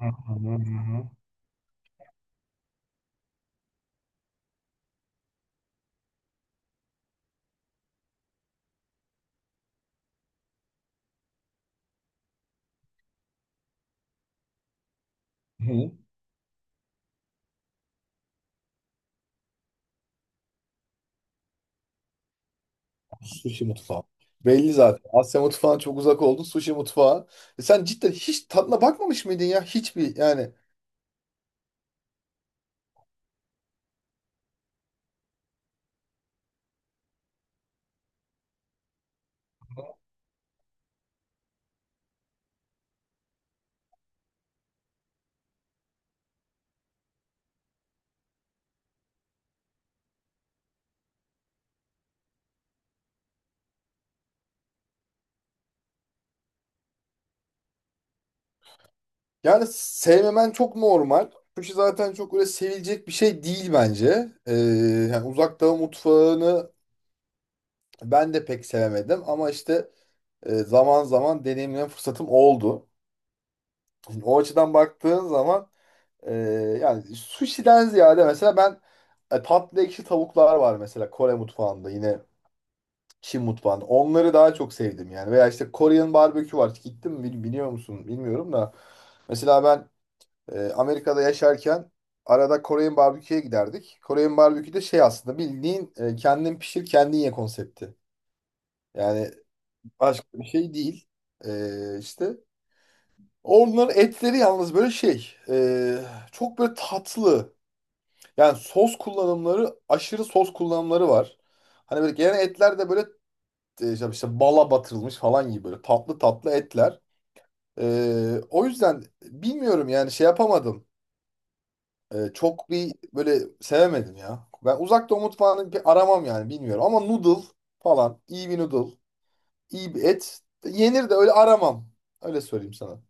Hı hı hı. Hı. Sushi mutfağı. Belli zaten. Asya mutfağına çok uzak oldun. Sushi mutfağı. E sen cidden hiç tadına bakmamış mıydın ya? Hiçbir yani. Yani sevmemen çok normal. Sushi zaten çok öyle sevilecek bir şey değil bence. Yani uzak doğu mutfağını ben de pek sevemedim. Ama işte zaman zaman deneyimleme fırsatım oldu. Şimdi o açıdan baktığın zaman e, yani sushi'den ziyade mesela ben tatlı ekşi tavuklar var mesela Kore mutfağında yine Çin mutfağında. Onları daha çok sevdim yani. Veya işte Korean barbekü var. Biliyor musun bilmiyorum da. Mesela ben Amerika'da yaşarken arada Korean barbeküye giderdik. Korean barbekü de şey aslında bildiğin kendin pişir kendin ye konsepti. Yani başka bir şey değil. İşte onların etleri yalnız böyle çok böyle tatlı. Yani sos kullanımları aşırı sos kullanımları var. Hani böyle gelen etler de böyle, işte bala batırılmış falan gibi böyle tatlı tatlı etler. O yüzden bilmiyorum yani şey yapamadım. Çok bir böyle sevemedim ya. Ben uzak doğu mutfağını bir aramam yani bilmiyorum. Ama noodle falan iyi bir noodle, iyi bir et yenir de öyle aramam. Öyle söyleyeyim sana.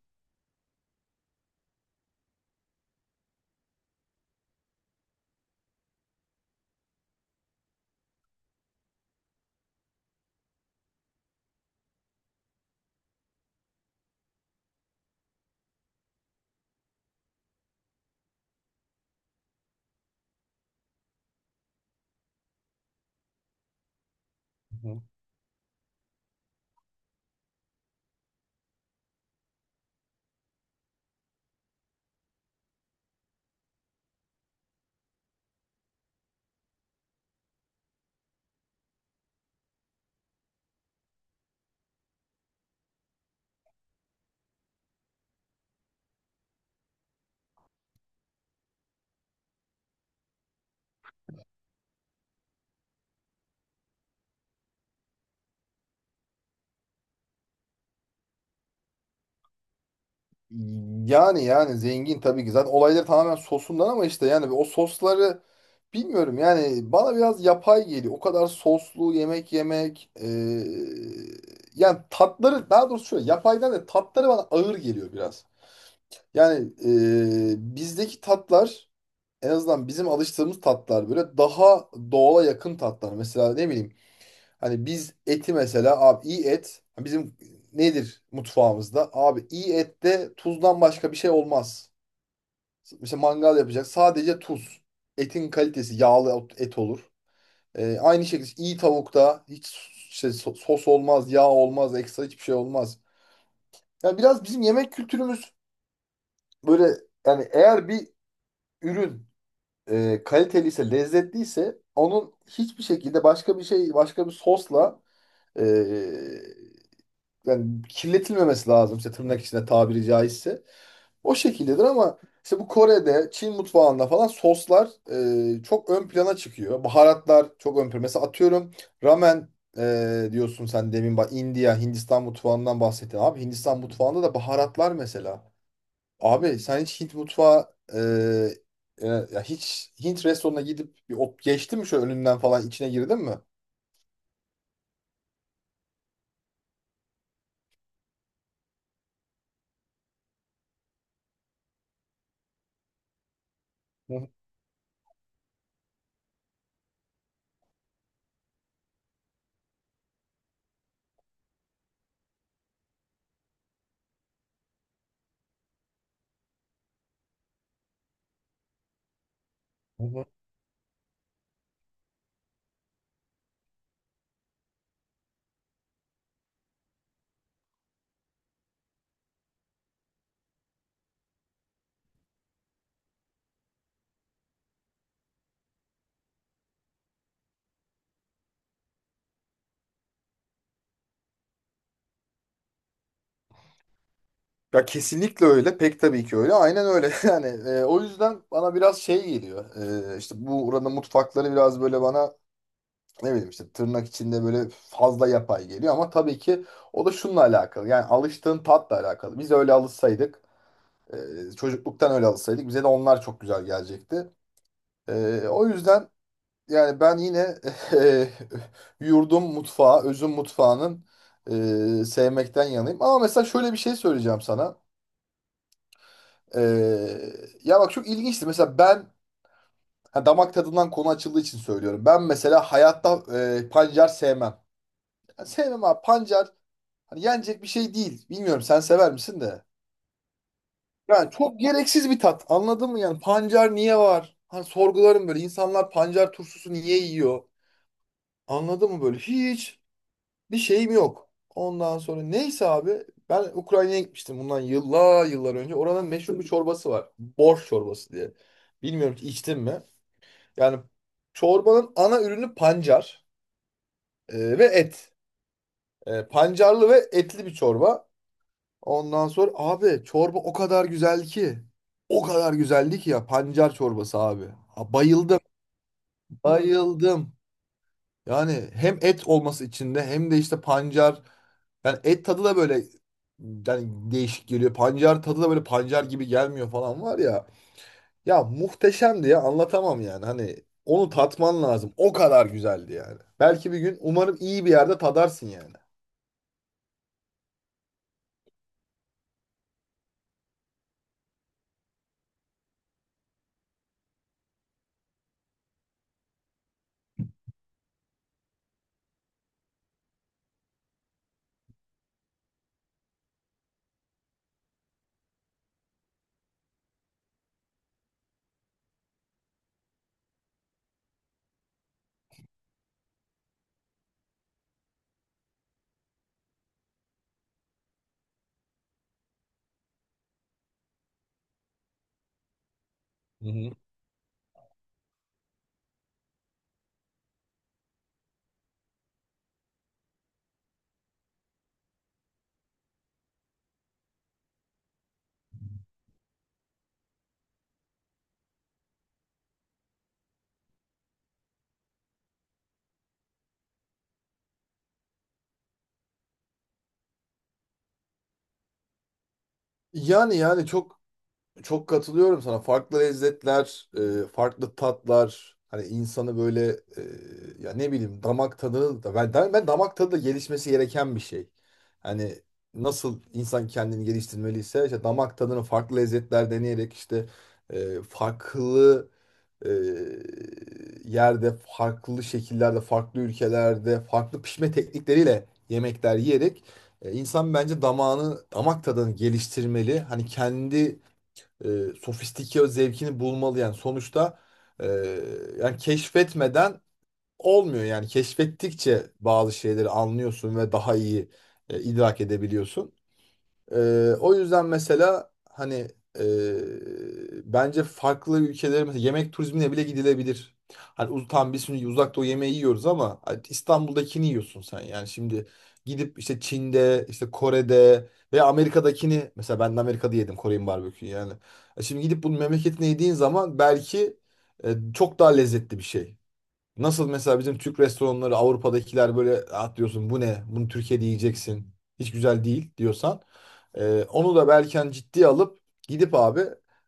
Hı. Yani yani zengin tabii ki. Zaten olayları tamamen sosundan ama işte yani o sosları bilmiyorum yani bana biraz yapay geliyor. O kadar soslu yemek yemek e, Yani tatları daha doğrusu şöyle yapaydan da tatları bana ağır geliyor biraz. Yani bizdeki tatlar en azından bizim alıştığımız tatlar böyle daha doğala yakın tatlar. Mesela ne bileyim. Hani biz eti mesela abi iyi et hani bizim nedir mutfağımızda? Abi iyi ette tuzdan başka bir şey olmaz. İşte mangal yapacak sadece tuz. Etin kalitesi yağlı et olur. Aynı şekilde işte iyi tavukta hiç sos olmaz, yağ olmaz, ekstra hiçbir şey olmaz. Yani biraz bizim yemek kültürümüz böyle yani eğer bir ürün kaliteliyse, lezzetliyse onun hiçbir şekilde başka bir şey, başka bir sosla e, yani kirletilmemesi lazım işte tırnak içinde tabiri caizse. O şekildedir ama işte bu Kore'de, Çin mutfağında falan soslar çok ön plana çıkıyor. Baharatlar çok ön plana. Mesela atıyorum ramen, diyorsun sen demin bak India, Hindistan mutfağından bahsettin. Abi Hindistan mutfağında da baharatlar mesela. Abi sen hiç Hint mutfağı e, e, ya hiç Hint restoranına gidip bir ot geçti mi şöyle önünden falan içine girdin mi? Hı hı. Ya kesinlikle öyle. Pek tabii ki öyle. Aynen öyle. Yani o yüzden bana biraz şey geliyor. İşte bu oranın mutfakları biraz böyle bana ne bileyim işte tırnak içinde böyle fazla yapay geliyor ama tabii ki o da şununla alakalı. Yani alıştığın tatla alakalı. Biz öyle alışsaydık, e, Çocukluktan öyle alışsaydık bize de onlar çok güzel gelecekti. O yüzden yani ben yine e, yurdum mutfağı, özüm mutfağının e, sevmekten yanayım. Ama mesela şöyle bir şey söyleyeceğim sana. Ee, Ya bak çok ilginçtir. Mesela ben ha, damak tadından konu açıldığı için söylüyorum. Ben mesela hayatta pancar sevmem. Yani sevmem abi pancar hani yenecek bir şey değil. Bilmiyorum sen sever misin de. Yani çok gereksiz bir tat. Anladın mı yani pancar niye var? Hani sorgularım böyle insanlar pancar turşusu niye yiyor? Anladın mı böyle? Hiç bir şeyim yok. Ondan sonra neyse abi ben Ukrayna'ya gitmiştim bundan yıllar yıllar önce. Oranın meşhur bir çorbası var. Borş çorbası diye. Bilmiyorum ki içtin mi? Yani çorbanın ana ürünü pancar ve et. E, pancarlı ve etli bir çorba. Ondan sonra abi çorba o kadar güzel ki. O kadar güzeldi ki ya pancar çorbası abi. Ha, bayıldım, bayıldım. Yani hem et olması içinde hem de işte pancar. Yani et tadı da böyle yani değişik geliyor. Pancar tadı da böyle pancar gibi gelmiyor falan var ya. Ya muhteşemdi ya anlatamam yani. Hani onu tatman lazım. O kadar güzeldi yani. Belki bir gün umarım iyi bir yerde tadarsın yani. Hı hı. Yani yani çok katılıyorum sana. Farklı lezzetler, farklı tatlar, hani insanı böyle e, ya ne bileyim damak tadını da ben, damak tadı da gelişmesi gereken bir şey. Hani nasıl insan kendini geliştirmeliyse işte damak tadını farklı lezzetler deneyerek işte, farklı e, yerde, farklı şekillerde, farklı ülkelerde, farklı pişme teknikleriyle yemekler yiyerek, insan bence damağını, damak tadını geliştirmeli. Hani kendi e, sofistike zevkini bulmalı yani sonuçta e, yani keşfetmeden olmuyor yani keşfettikçe bazı şeyleri anlıyorsun ve daha iyi idrak edebiliyorsun. O yüzden mesela hani bence farklı ülkelere mesela yemek turizmine bile gidilebilir. Hani uz tam biz şimdi uzak doğu yemeği yiyoruz ama hani İstanbul'dakini yiyorsun sen. Yani şimdi gidip işte Çin'de, işte Kore'de veya Amerika'dakini mesela ben de Amerika'da yedim Korean barbeküyü yani. E, şimdi gidip bunun memleketine yediğin zaman belki çok daha lezzetli bir şey. Nasıl mesela bizim Türk restoranları Avrupa'dakiler böyle atlıyorsun bu ne? Bunu Türkiye'de yiyeceksin. Hiç güzel değil diyorsan. Onu da Berken ciddiye alıp gidip abi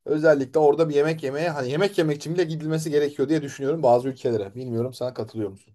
özellikle orada bir yemek yemeye hani yemek yemek için bile gidilmesi gerekiyor diye düşünüyorum bazı ülkelere. Bilmiyorum sana katılıyor musun?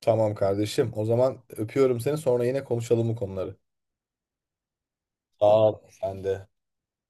Tamam kardeşim. O zaman öpüyorum seni. Sonra yine konuşalım bu konuları. Sağ ol. Sen de.